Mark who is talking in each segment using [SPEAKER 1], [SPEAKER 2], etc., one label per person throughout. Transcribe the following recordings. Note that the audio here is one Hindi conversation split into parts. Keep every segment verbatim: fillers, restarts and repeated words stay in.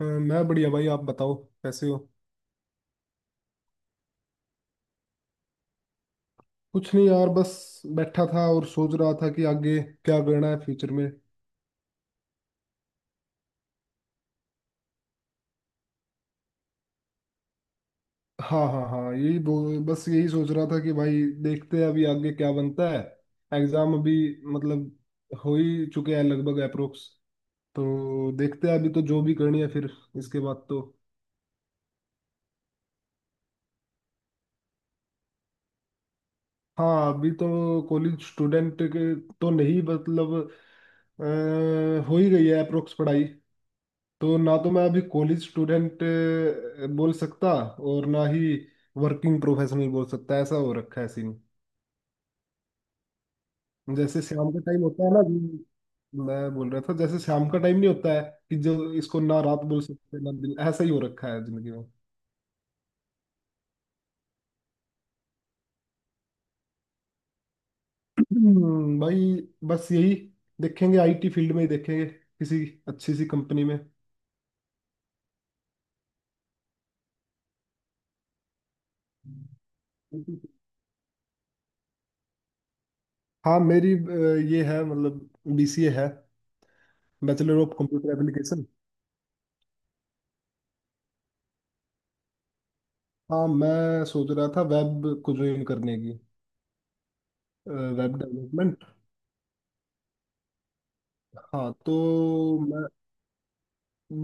[SPEAKER 1] अ, मैं बढ़िया भाई। आप बताओ कैसे हो। कुछ नहीं यार, बस बैठा था और सोच रहा था कि आगे क्या करना है फ्यूचर में। हाँ हाँ हाँ, यही बो- बस यही सोच रहा था कि भाई देखते हैं अभी आगे क्या बनता है। एग्जाम अभी मतलब हो ही चुके हैं लगभग अप्रोक्स, तो देखते हैं अभी। तो जो भी करनी है फिर इसके बाद तो। हाँ, अभी तो कॉलेज स्टूडेंट के तो नहीं मतलब अ, हो ही गई है अप्रोक्स पढ़ाई। तो ना तो मैं अभी कॉलेज स्टूडेंट बोल सकता और ना ही वर्किंग प्रोफेशनल बोल सकता। ऐसा हो रखा है सीन। जैसे शाम का टाइम होता है ना, जो मैं बोल रहा था, जैसे शाम का टाइम नहीं होता है कि जो इसको ना रात बोल सकते ना दिन, ऐसा ही हो रखा है जिंदगी में। हम्म, भाई बस यही देखेंगे। आईटी फील्ड में ही देखेंगे किसी अच्छी सी कंपनी में। हाँ, मेरी अ, ये है मतलब बीसीए है। Bachelor of computer application. हाँ, मैं सोच रहा था वेब को ज्वाइन करने की। Web development. हाँ तो मैं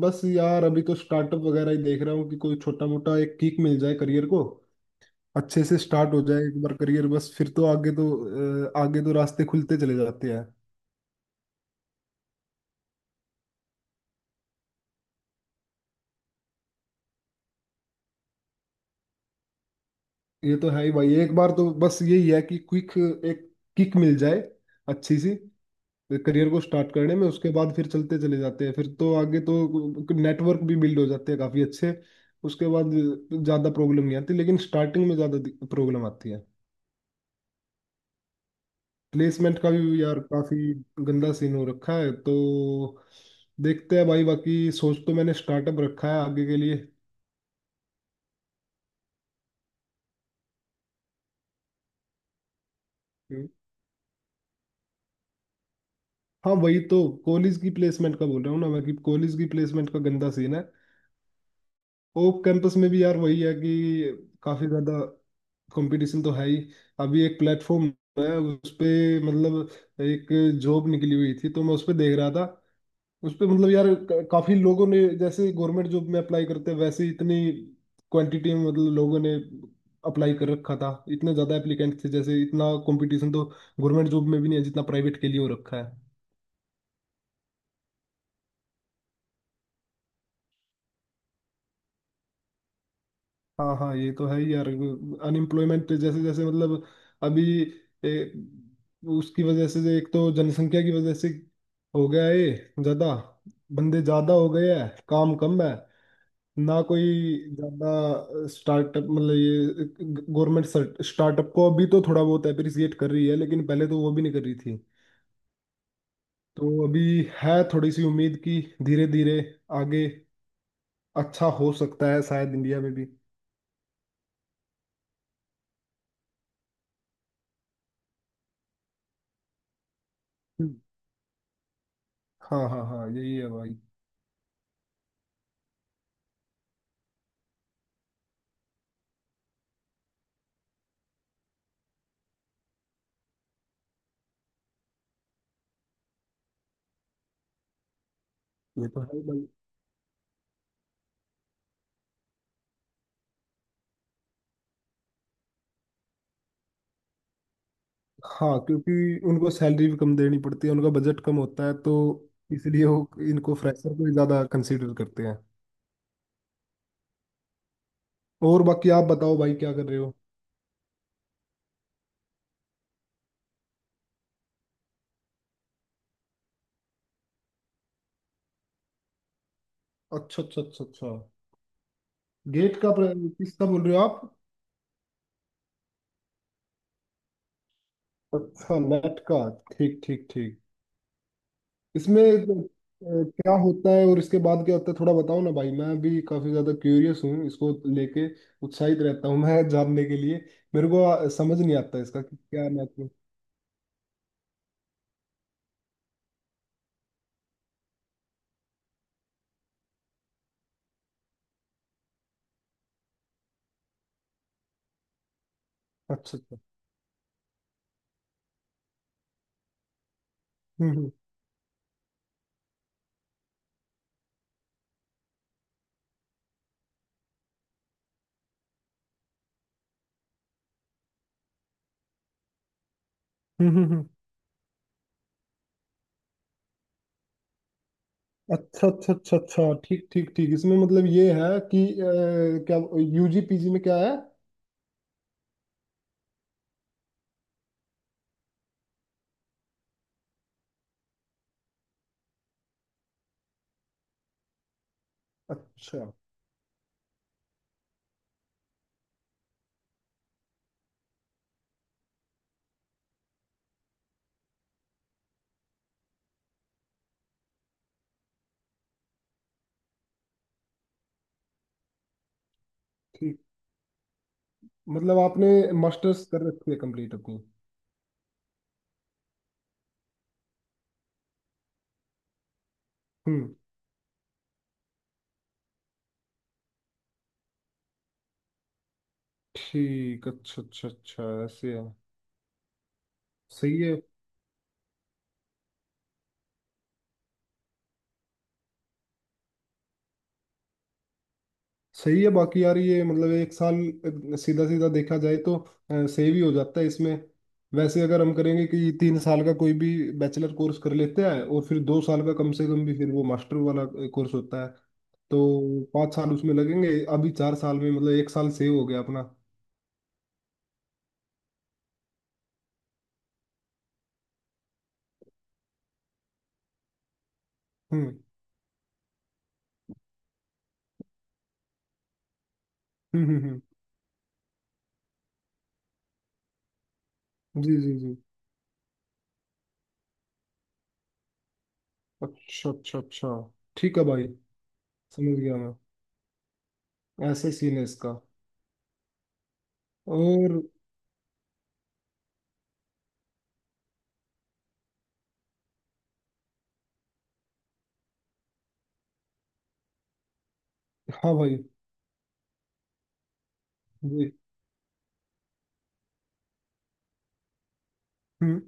[SPEAKER 1] बस यार अभी तो स्टार्टअप वगैरह ही देख रहा हूँ कि कोई छोटा मोटा एक किक मिल जाए करियर को। अच्छे से स्टार्ट हो जाए एक बार करियर, बस फिर तो आगे तो अ, आगे तो रास्ते खुलते चले जाते हैं। ये तो है ही भाई। एक बार तो बस यही है कि क्विक एक किक मिल जाए अच्छी सी करियर को स्टार्ट करने में। उसके बाद फिर चलते चले जाते हैं, फिर तो आगे तो नेटवर्क भी बिल्ड हो जाते हैं काफ़ी अच्छे। उसके बाद ज़्यादा प्रॉब्लम नहीं आती, लेकिन स्टार्टिंग में ज़्यादा प्रॉब्लम आती है। प्लेसमेंट का भी यार काफ़ी गंदा सीन हो रखा है, तो देखते हैं भाई। बाकी सोच तो मैंने स्टार्टअप रखा है आगे के लिए। हम्म। हाँ वही तो। कॉलेज की प्लेसमेंट का बोल रहा हूँ ना मैं कि कॉलेज की प्लेसमेंट का गंदा सीन है। ओप कैंपस में भी यार वही है कि काफी ज्यादा कंपटीशन तो है ही। अभी एक प्लेटफॉर्म है उस पे, मतलब एक जॉब निकली हुई थी तो मैं उस पे देख रहा था। उस पे मतलब यार क- काफी लोगों ने, जैसे गवर्नमेंट जॉब में अप्लाई करते हैं वैसे ही, इतनी क्वांटिटी में मतलब लोगों ने अप्लाई कर रखा था। इतने ज्यादा एप्लीकेंट थे, जैसे इतना कंपटीशन तो गवर्नमेंट जॉब में भी नहीं है जितना प्राइवेट के लिए हो रखा है। हाँ हाँ, ये तो है ही यार। अनएम्प्लॉयमेंट जैसे जैसे मतलब अभी ए, उसकी वजह से, एक तो जनसंख्या की वजह से हो गया है ज्यादा, बंदे ज्यादा हो गए हैं काम कम है। ना कोई ज्यादा स्टार्टअप, मतलब ये गवर्नमेंट स्टार्टअप को अभी तो थोड़ा बहुत अप्रिसिएट कर रही है, लेकिन पहले तो वो भी नहीं कर रही थी। तो अभी है थोड़ी सी उम्मीद कि धीरे धीरे आगे अच्छा हो सकता है शायद इंडिया में भी। हम्म। हाँ हाँ हाँ, यही है भाई। ये तो है भाई। हाँ, क्योंकि उनको सैलरी भी कम देनी पड़ती है, उनका बजट कम होता है, तो इसलिए वो इनको फ्रेशर को ही ज्यादा कंसीडर करते हैं। और बाकी आप बताओ भाई, क्या कर रहे हो। अच्छा अच्छा अच्छा अच्छा। गेट का प्र- किसका बोल रहे हो आप। अच्छा, नेट का। ठीक ठीक ठीक। इसमें अ, क्या होता है और इसके बाद क्या होता है, थोड़ा बताओ ना भाई। मैं भी काफी ज्यादा क्यूरियस हूँ इसको लेके, उत्साहित रहता हूँ मैं जानने के लिए। मेरे को अ, समझ नहीं आता इसका कि क्या नेट। अच्छा अच्छा। हम्म हम्म हम्म, हम्म, हम्म। अच्छा अच्छा अच्छा अच्छा, ठीक ठीक ठीक। इसमें मतलब ये है कि अ, क्या यूजी पीजी में क्या है। अच्छा ठीक। मतलब आपने मास्टर्स कर रखी है कंप्लीट अपनी। हम्म ठीक। अच्छा अच्छा अच्छा ऐसे है। सही है। सही है। बाकी यार ये मतलब एक साल सीधा सीधा देखा जाए तो सेव ही हो जाता है इसमें। वैसे अगर हम करेंगे कि तीन साल का कोई भी बैचलर कोर्स कर लेते हैं, और फिर दो साल का कम से कम भी फिर वो मास्टर वाला कोर्स होता है, तो पाँच साल उसमें लगेंगे। अभी चार साल में मतलब एक साल सेव हो गया अपना। हम्म हम्म हम्म हम्म, जी जी जी। अच्छा अच्छा अच्छा। ठीक है भाई, समझ गया मैं। ऐसे सीन है इसका। और हाँ भाई। जी। हम्म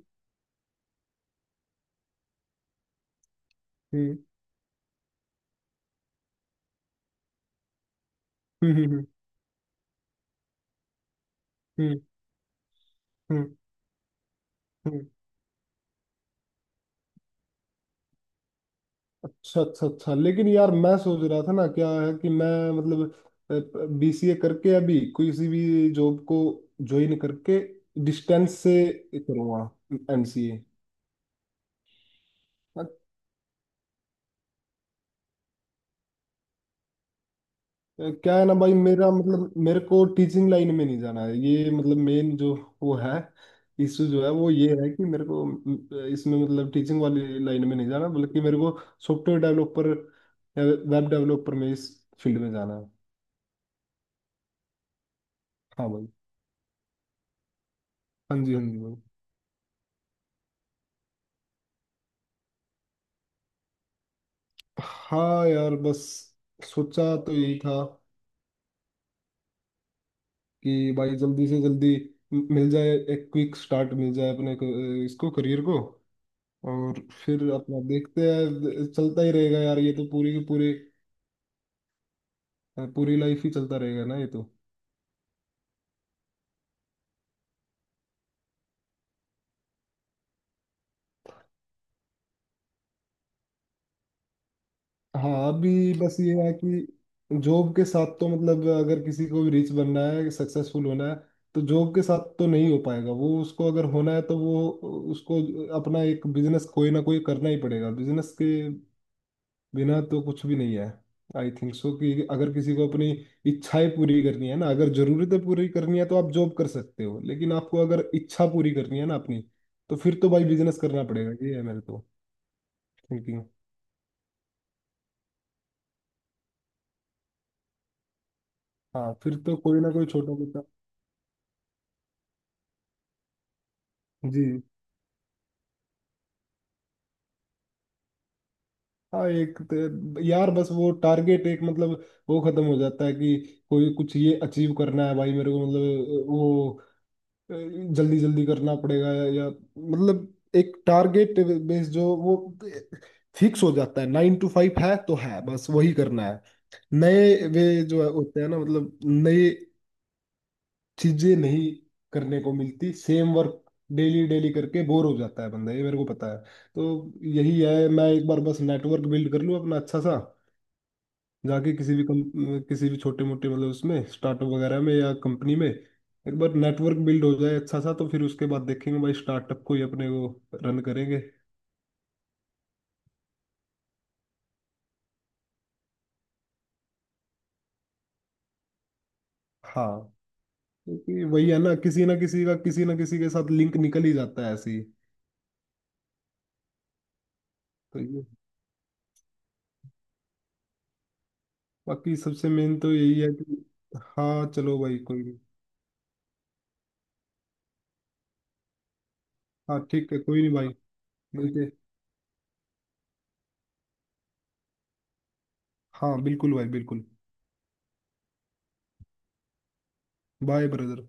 [SPEAKER 1] हम्म हम्म हम्म हम्म हम्म हम्म, हम्म। अच्छा अच्छा अच्छा। लेकिन यार मैं सोच रहा था ना, क्या है कि मैं मतलब बीसीए करके अभी किसी भी जॉब को ज्वाइन करके डिस्टेंस से करूँगा एमसीए। क्या है ना भाई, मेरा मतलब मेरे को टीचिंग लाइन में नहीं जाना है, ये मतलब मेन जो वो है इशू जो है, वो ये है कि मेरे को अ, इसमें मतलब टीचिंग वाली लाइन में नहीं जाना, बल्कि मेरे को सॉफ्टवेयर डेवलपर वेब डेवलपर में, इस फील्ड में जाना है। हाँ भाई। हाँ जी हाँ जी भाई। हाँ यार बस सोचा तो यही था कि भाई जल्दी से जल्दी म- मिल जाए, एक क्विक स्टार्ट मिल जाए अपने को, इसको करियर को। और फिर अपना देखते हैं चलता ही रहेगा यार, ये तो पूरी की पूरी पूरी लाइफ ही चलता रहेगा ना ये तो। हाँ, अभी बस ये है कि जॉब के साथ तो मतलब अगर किसी को भी रिच बनना है सक्सेसफुल होना है, तो जॉब के साथ तो नहीं हो पाएगा वो, उसको अगर होना है तो वो उसको अपना एक बिजनेस कोई ना कोई करना ही पड़ेगा। बिजनेस के बिना तो कुछ भी नहीं है। आई थिंक सो कि अगर किसी को अपनी इच्छाएं पूरी करनी है ना, अगर जरूरतें पूरी करनी है तो आप जॉब कर सकते हो, लेकिन आपको अगर इच्छा पूरी करनी है ना अपनी, तो फिर तो भाई बिजनेस करना पड़ेगा। ये है मेरे तो थिंकिंग। हाँ, फिर तो कोई ना कोई छोटा मोटा। जी हाँ। एक तो- यार बस वो टारगेट एक मतलब वो खत्म हो जाता है कि कोई कुछ ये अचीव करना है भाई मेरे को, मतलब वो जल्दी जल्दी करना पड़ेगा। या मतलब एक टारगेट बेस जो वो फिक्स हो जाता है, नाइन टू फाइव है तो है, बस वही करना है। नए वे जो है होते हैं ना, मतलब नए चीजें नहीं करने को मिलती, सेम वर्क डेली डेली करके बोर हो जाता है बंदा, ये मेरे को पता है। तो यही है, मैं एक बार बस नेटवर्क बिल्ड कर लूँ अपना अच्छा सा, जाके किसी भी कम, किसी भी छोटे मोटे मतलब उसमें स्टार्टअप वगैरह में या कंपनी में। एक बार नेटवर्क बिल्ड हो जाए अच्छा सा तो फिर उसके बाद देखेंगे भाई, स्टार्टअप को ही अपने वो रन करेंगे। हाँ, क्योंकि वही है ना, किसी ना किसी का किसी ना किसी के साथ लिंक निकल ही जाता है ऐसे ही। तो ये बाकी सबसे मेन तो यही है कि। हाँ चलो भाई कोई नहीं। हाँ ठीक है कोई नहीं भाई। मिलते। हाँ बिल्कुल भाई बिल्कुल। Bye brother.